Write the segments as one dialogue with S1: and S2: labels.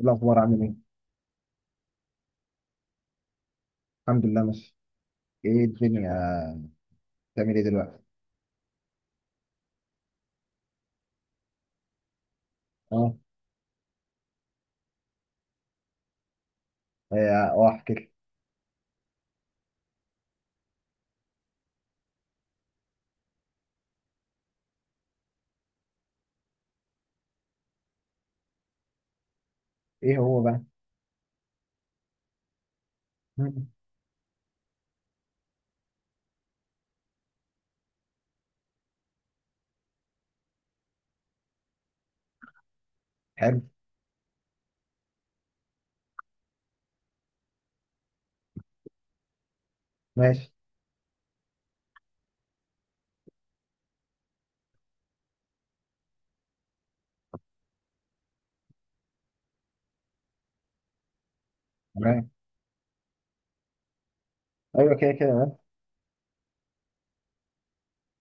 S1: الأخبار عامل إيه؟ الحمد لله ماشي. إيه الدنيا. بتعمل إيه دلوقتي؟ أه. إيه، أه أحكي لك. إيه هو بقى؟ مم. حلو. ماشي. تمام. أيوه كده كده بقى.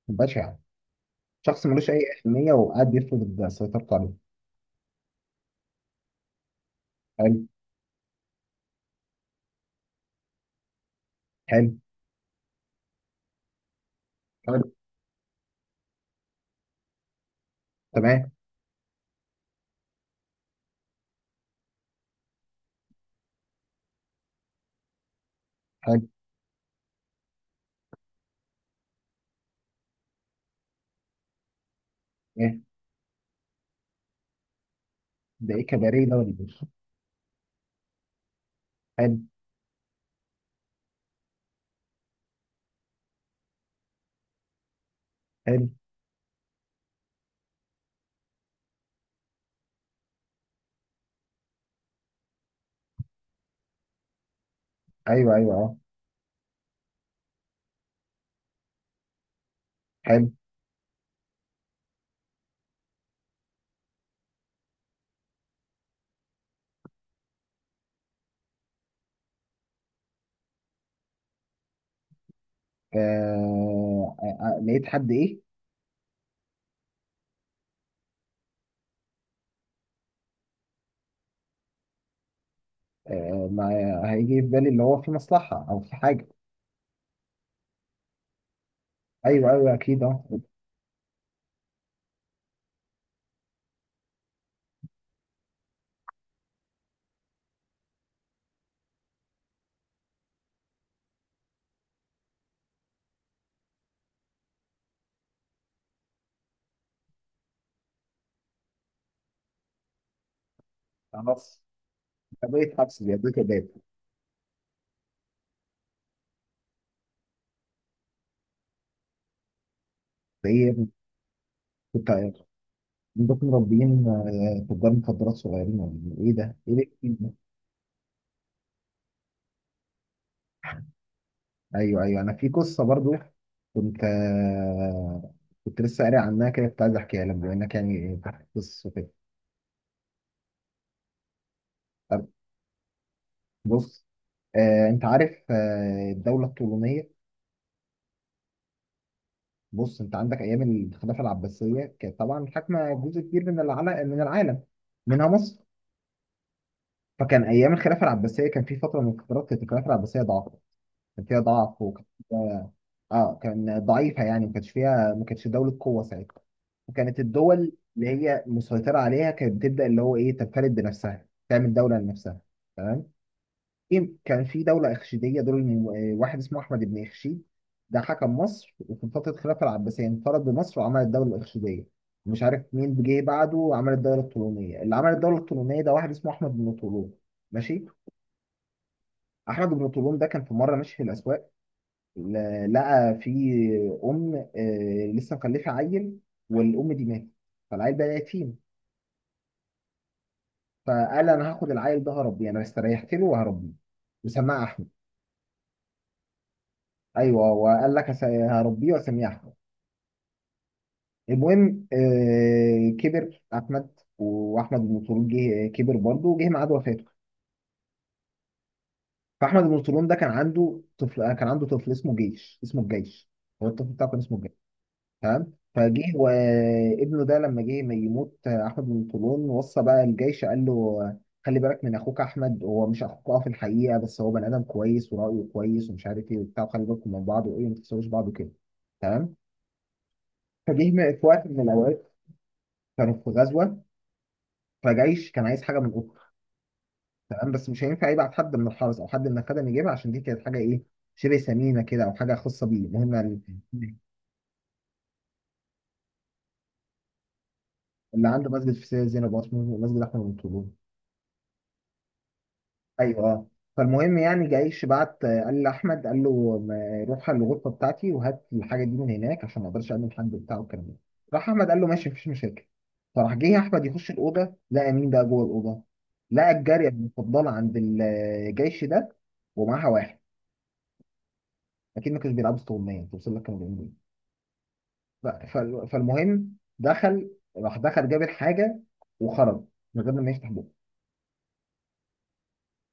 S1: بشع. شخص ملوش أي أهمية وقاعد بيفرض سيطرته عليه. حلو. حلو. حلو. تمام. حلو. إيه ده، إيه كباريه ده ولا إيه؟ حلو. حلو. أيوه أيوه أه. حلو. آه آه، آه، لقيت حد إيه؟ آه، ما هيجي في بالي اللي هو في مصلحة أو في حاجة. أيوه أيوه أكيد أه. خلاص، بقيت حبس، زي بقيت باب. ايه. كنت عندكم مربيين تجار مخدرات صغيرين ولا ايه؟ إيه ده؟ ايه ده؟ إيه ده؟ ايوه ايوه، انا في قصه برضو كنت، كنت لسه قاري عنها كده، كنت عايز احكيها لك بما انك يعني فتحت قصه كده. طب، بص. انت عارف الدوله الطولونيه. بص، انت عندك ايام الخلافه العباسيه كانت طبعا حاكمه جزء كبير من العالم، من العالم منها مصر. فكان ايام الخلافه العباسيه كان في فتره من الفترات كانت الخلافه العباسيه ضعف، كان فيها ضعف وكان فيها، اه، كان ضعيفه يعني ما كانش فيها، ما كانتش دوله قوه ساعتها. وكانت الدول اللي هي مسيطره عليها كانت بتبدا اللي هو ايه، تنفرد بنفسها تعمل دوله لنفسها. تمام. إيه؟ كان في دوله اخشيديه دول، واحد اسمه احمد بن اخشيد. ده حكم مصر وفي فتره الخلافه العباسيه انفرد بمصر وعمل الدوله الاخشيديه. مش عارف مين جه بعده وعمل الدوله الطولونيه. اللي عمل الدوله الطولونيه ده واحد اسمه احمد بن طولون. ماشي. احمد بن طولون ده كان في مره ماشي في الاسواق، لقى في ام، لسه مخلفه عيل، والام دي ماتت، فالعيل بقى يتيم. فقال انا هاخد العيل ده هربيه، انا استريحت له وهربيه، وسماه احمد. ايوه، وقال لك هربيه واسميه احمد. المهم، كبر احمد، واحمد بن طولون جه، كبر برضه وجه ميعاد وفاته. فاحمد بن طولون ده كان عنده طفل، كان عنده طفل اسمه جيش، اسمه الجيش، هو الطفل بتاعه كان اسمه. تمام. فجه وابنه ده لما جه ما يموت احمد بن طولون وصى بقى الجيش قال له خلي بالك من اخوك احمد، هو مش اخوك اه في الحقيقه، بس هو بني ادم كويس ورايه كويس ومش عارف ايه وبتاع، وخلي بالكم من بعض وايه، ما تخسروش بعض كده. تمام. في وقت من الاوقات كانوا في غزوه، فجيش كان عايز حاجه من اخته. تمام، بس مش هينفع يبعت حد من الحرس او حد من الخدم يجيبها، عشان دي كانت حاجه ايه، شبه ثمينه كده او حاجه خاصه بيه. المهم اللي عنده مسجد في سيدنا زينب واسمه مسجد احمد بن طولون. ايوه آه. فالمهم يعني، جايش بعت، قال لاحمد، قال له روح على الغرفه بتاعتي وهات الحاجه دي من هناك، عشان ما اقدرش اقابل حد بتاعه الكلام ده. راح احمد قال له ماشي مفيش مشاكل. فراح جه احمد يخش الاوضه، لقى مين بقى جوه الاوضه؟ لقى الجاريه المفضله عند الجيش ده، ومعاها واحد. اكيد ما كانوش بيلعبوا استغمايه، توصل لك كانوا بيعملوا ايه. ف- فالمهم دخل، راح دخل جاب الحاجه وخرج من غير ما يفتح بقه.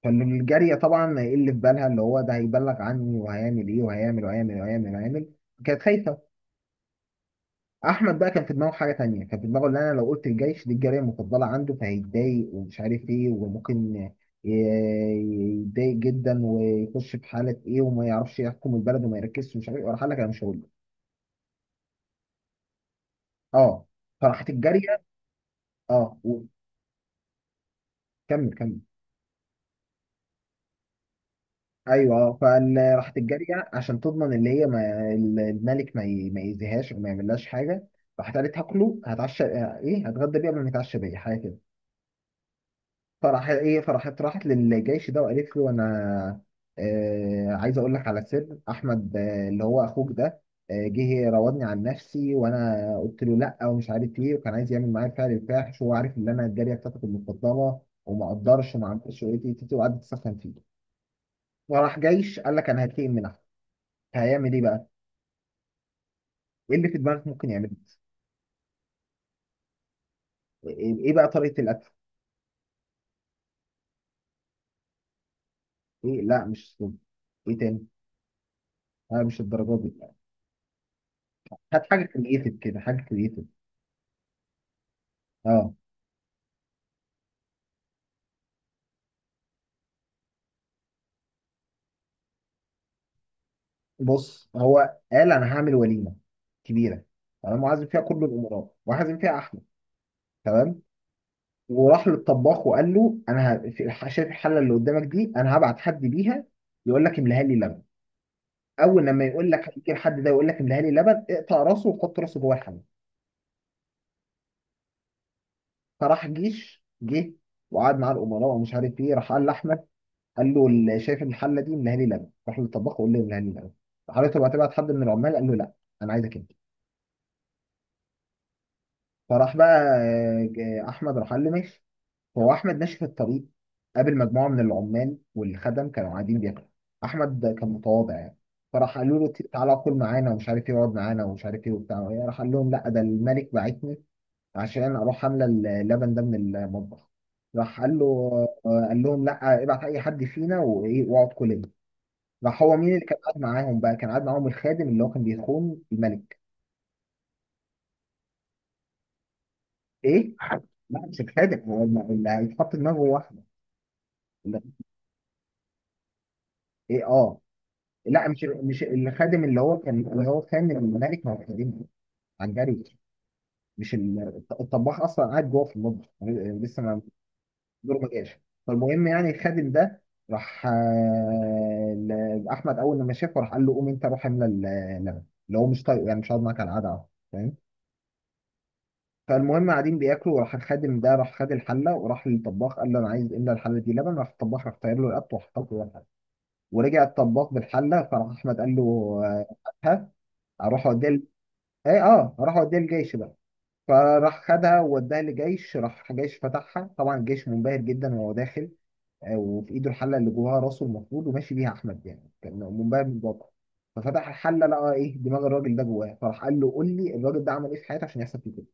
S1: فالجارية طبعا هيقل في بالها اللي هو ده هيبلغ عني، وهيعمل ايه، وهيعمل وهيعمل وهيعمل وهيعمل، كانت خايفة. احمد بقى كان في دماغه حاجة تانية، كان في دماغه ان انا لو قلت الجيش دي الجارية المفضلة عنده فهيتضايق ومش عارف ايه، وممكن يتضايق جدا ويخش في حالة ايه، وما يعرفش يحكم البلد وما يركزش ومش عارف ايه، وراح قال لك انا مش هقول له. اه. فراحت الجارية. اه، وكمل. كمل. ايوه اه، فراحت الجاريه عشان تضمن اللي هي ما الملك ما ما يأذيهاش او ما يعملهاش حاجه. راحت قالت هاكله، هتعشى، ايه، هتغدى بيه قبل ما يتعشى بيا حاجه كده. فراح ايه، فراحت راحت للجيش ده وقالت له انا، آه، عايز اقول لك على سر احمد، آه، اللي هو اخوك ده، آه، جه راودني عن نفسي وانا قلت له لا ومش عارف ايه، وكان عايز يعمل معايا فعل الفاحش، وهو عارف ان انا الجاريه بتاعتك المفضله، وما قدرش وما عملتش ايه، تي- تي- تي، وقعدت تسخن فيه. وراح جيش قال لك انا هتقي من، هيعمل ايه بقى؟ ايه اللي في دماغك ممكن يعمله؟ ايه، إيه بقى طريقة الأكل؟ ايه، لا مش سم. ايه تاني؟ لا مش الدرجات دي. هات حاجة كرييتيف كده، حاجة كرييتيف. اه. بص هو قال انا هعمل وليمة كبيرة، تمام، وعازم فيها كل الأمراء وعازم فيها أحمد. تمام. وراح للطباخ وقال له انا في شايف الحلة اللي قدامك دي، انا هبعت حد بيها يقول لك املاها لي لبن، اول لما يقول لك هيجي الحد ده يقول لك املاها لي لبن، اقطع راسه وحط راسه جوه الحلة. فراح جيش جه وقعد مع الامراء ومش عارف ايه، راح قال لاحمد، قال له شايف الحله دي منها لي لبن، راح للطباخ وقال له منها لي لبن. راح قال له طب هتبعت حد من العمال؟ قال له لا، انا عايزك انت. فراح بقى، احمد راح قال له ماشي. فهو احمد ماشي في الطريق، قابل مجموعه من العمال والخدم كانوا قاعدين بياكلوا. احمد كان متواضع يعني، فراح قالوا له تعالى كل معانا ومش عارف ايه، اقعد معانا ومش عارف ايه وبتاع. راح قال لهم لا، ده الملك بعتني عشان اروح عامله اللبن ده من المطبخ. راح قال له، قال لهم لا، ابعت اي حد فينا وايه، واقعد كل يوم. راح، هو مين اللي كان قاعد معاهم بقى؟ كان قاعد معاهم الخادم اللي هو كان بيخون الملك. ايه لا، مش الخادم هو اللي هيتحط دماغه واحده. لا، ايه اه. لا مش مش الخادم، اللي هو كان اللي هو كان الملك، ما هو خادم عن جري. مش الطباخ اصلا قاعد جوه في المطبخ لسه ما، دور ما جاش. فالمهم يعني الخادم ده راح، لاحمد، اول لما شافه راح قال له قوم انت روح املى اللبن، اللي هو مش طايقه يعني مش هقعد معاك على القعده أهو، فاهم. فالمهم قاعدين بياكلوا، وراح الخادم ده راح خد الحله وراح للطباخ قال له انا عايز املى الحله دي لبن. راح الطباخ راح طاير له رقبته وحط له جوه الحله. ورجع الطباخ بالحله، فراح احمد قال له، آه، هاتها، اروح اوديها ايه اه، اروح اوديها للجيش بقى. فراح خدها ووداها للجيش. راح الجيش فتحها، طبعا الجيش منبهر جدا وهو داخل، وفي ايده الحله اللي جواها راسه المفروض، وماشي بيها احمد يعني كان منبهر من الواقع. ففتح الحله لقى ايه، دماغ الراجل ده جواه. فراح قال له قول لي، الراجل ده عمل ايه في حياته عشان يحصل فيه كده؟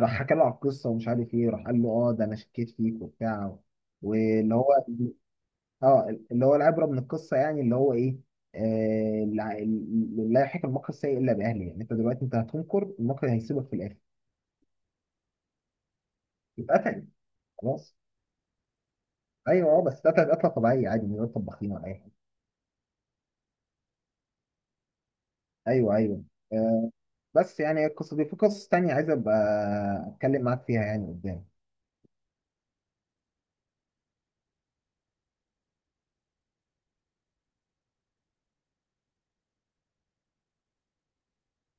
S1: راح حكى له على القصه ومش عارف ايه، راح قال له اه ده انا شكيت فيك وبتاع. واللي هو اه، اللي هو العبره من القصه يعني، اللي هو ايه، آه، لا، لا يحيق المكر السيء الا باهله. يعني انت دلوقتي انت هتنكر المكر هيسيبك في الاخر. يتقتل. خلاص. ايوه اه، بس قتل قتله طبيعيه عادي، من غير طباخين ولا اي حاجه. ايوه ايوه. آه، بس يعني القصة دي في قصص تانية عايز أبقى أتكلم معاك فيها يعني قدام.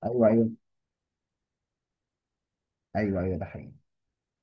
S1: أيوه أيوه. أيوه أيوه، ده حقيقي.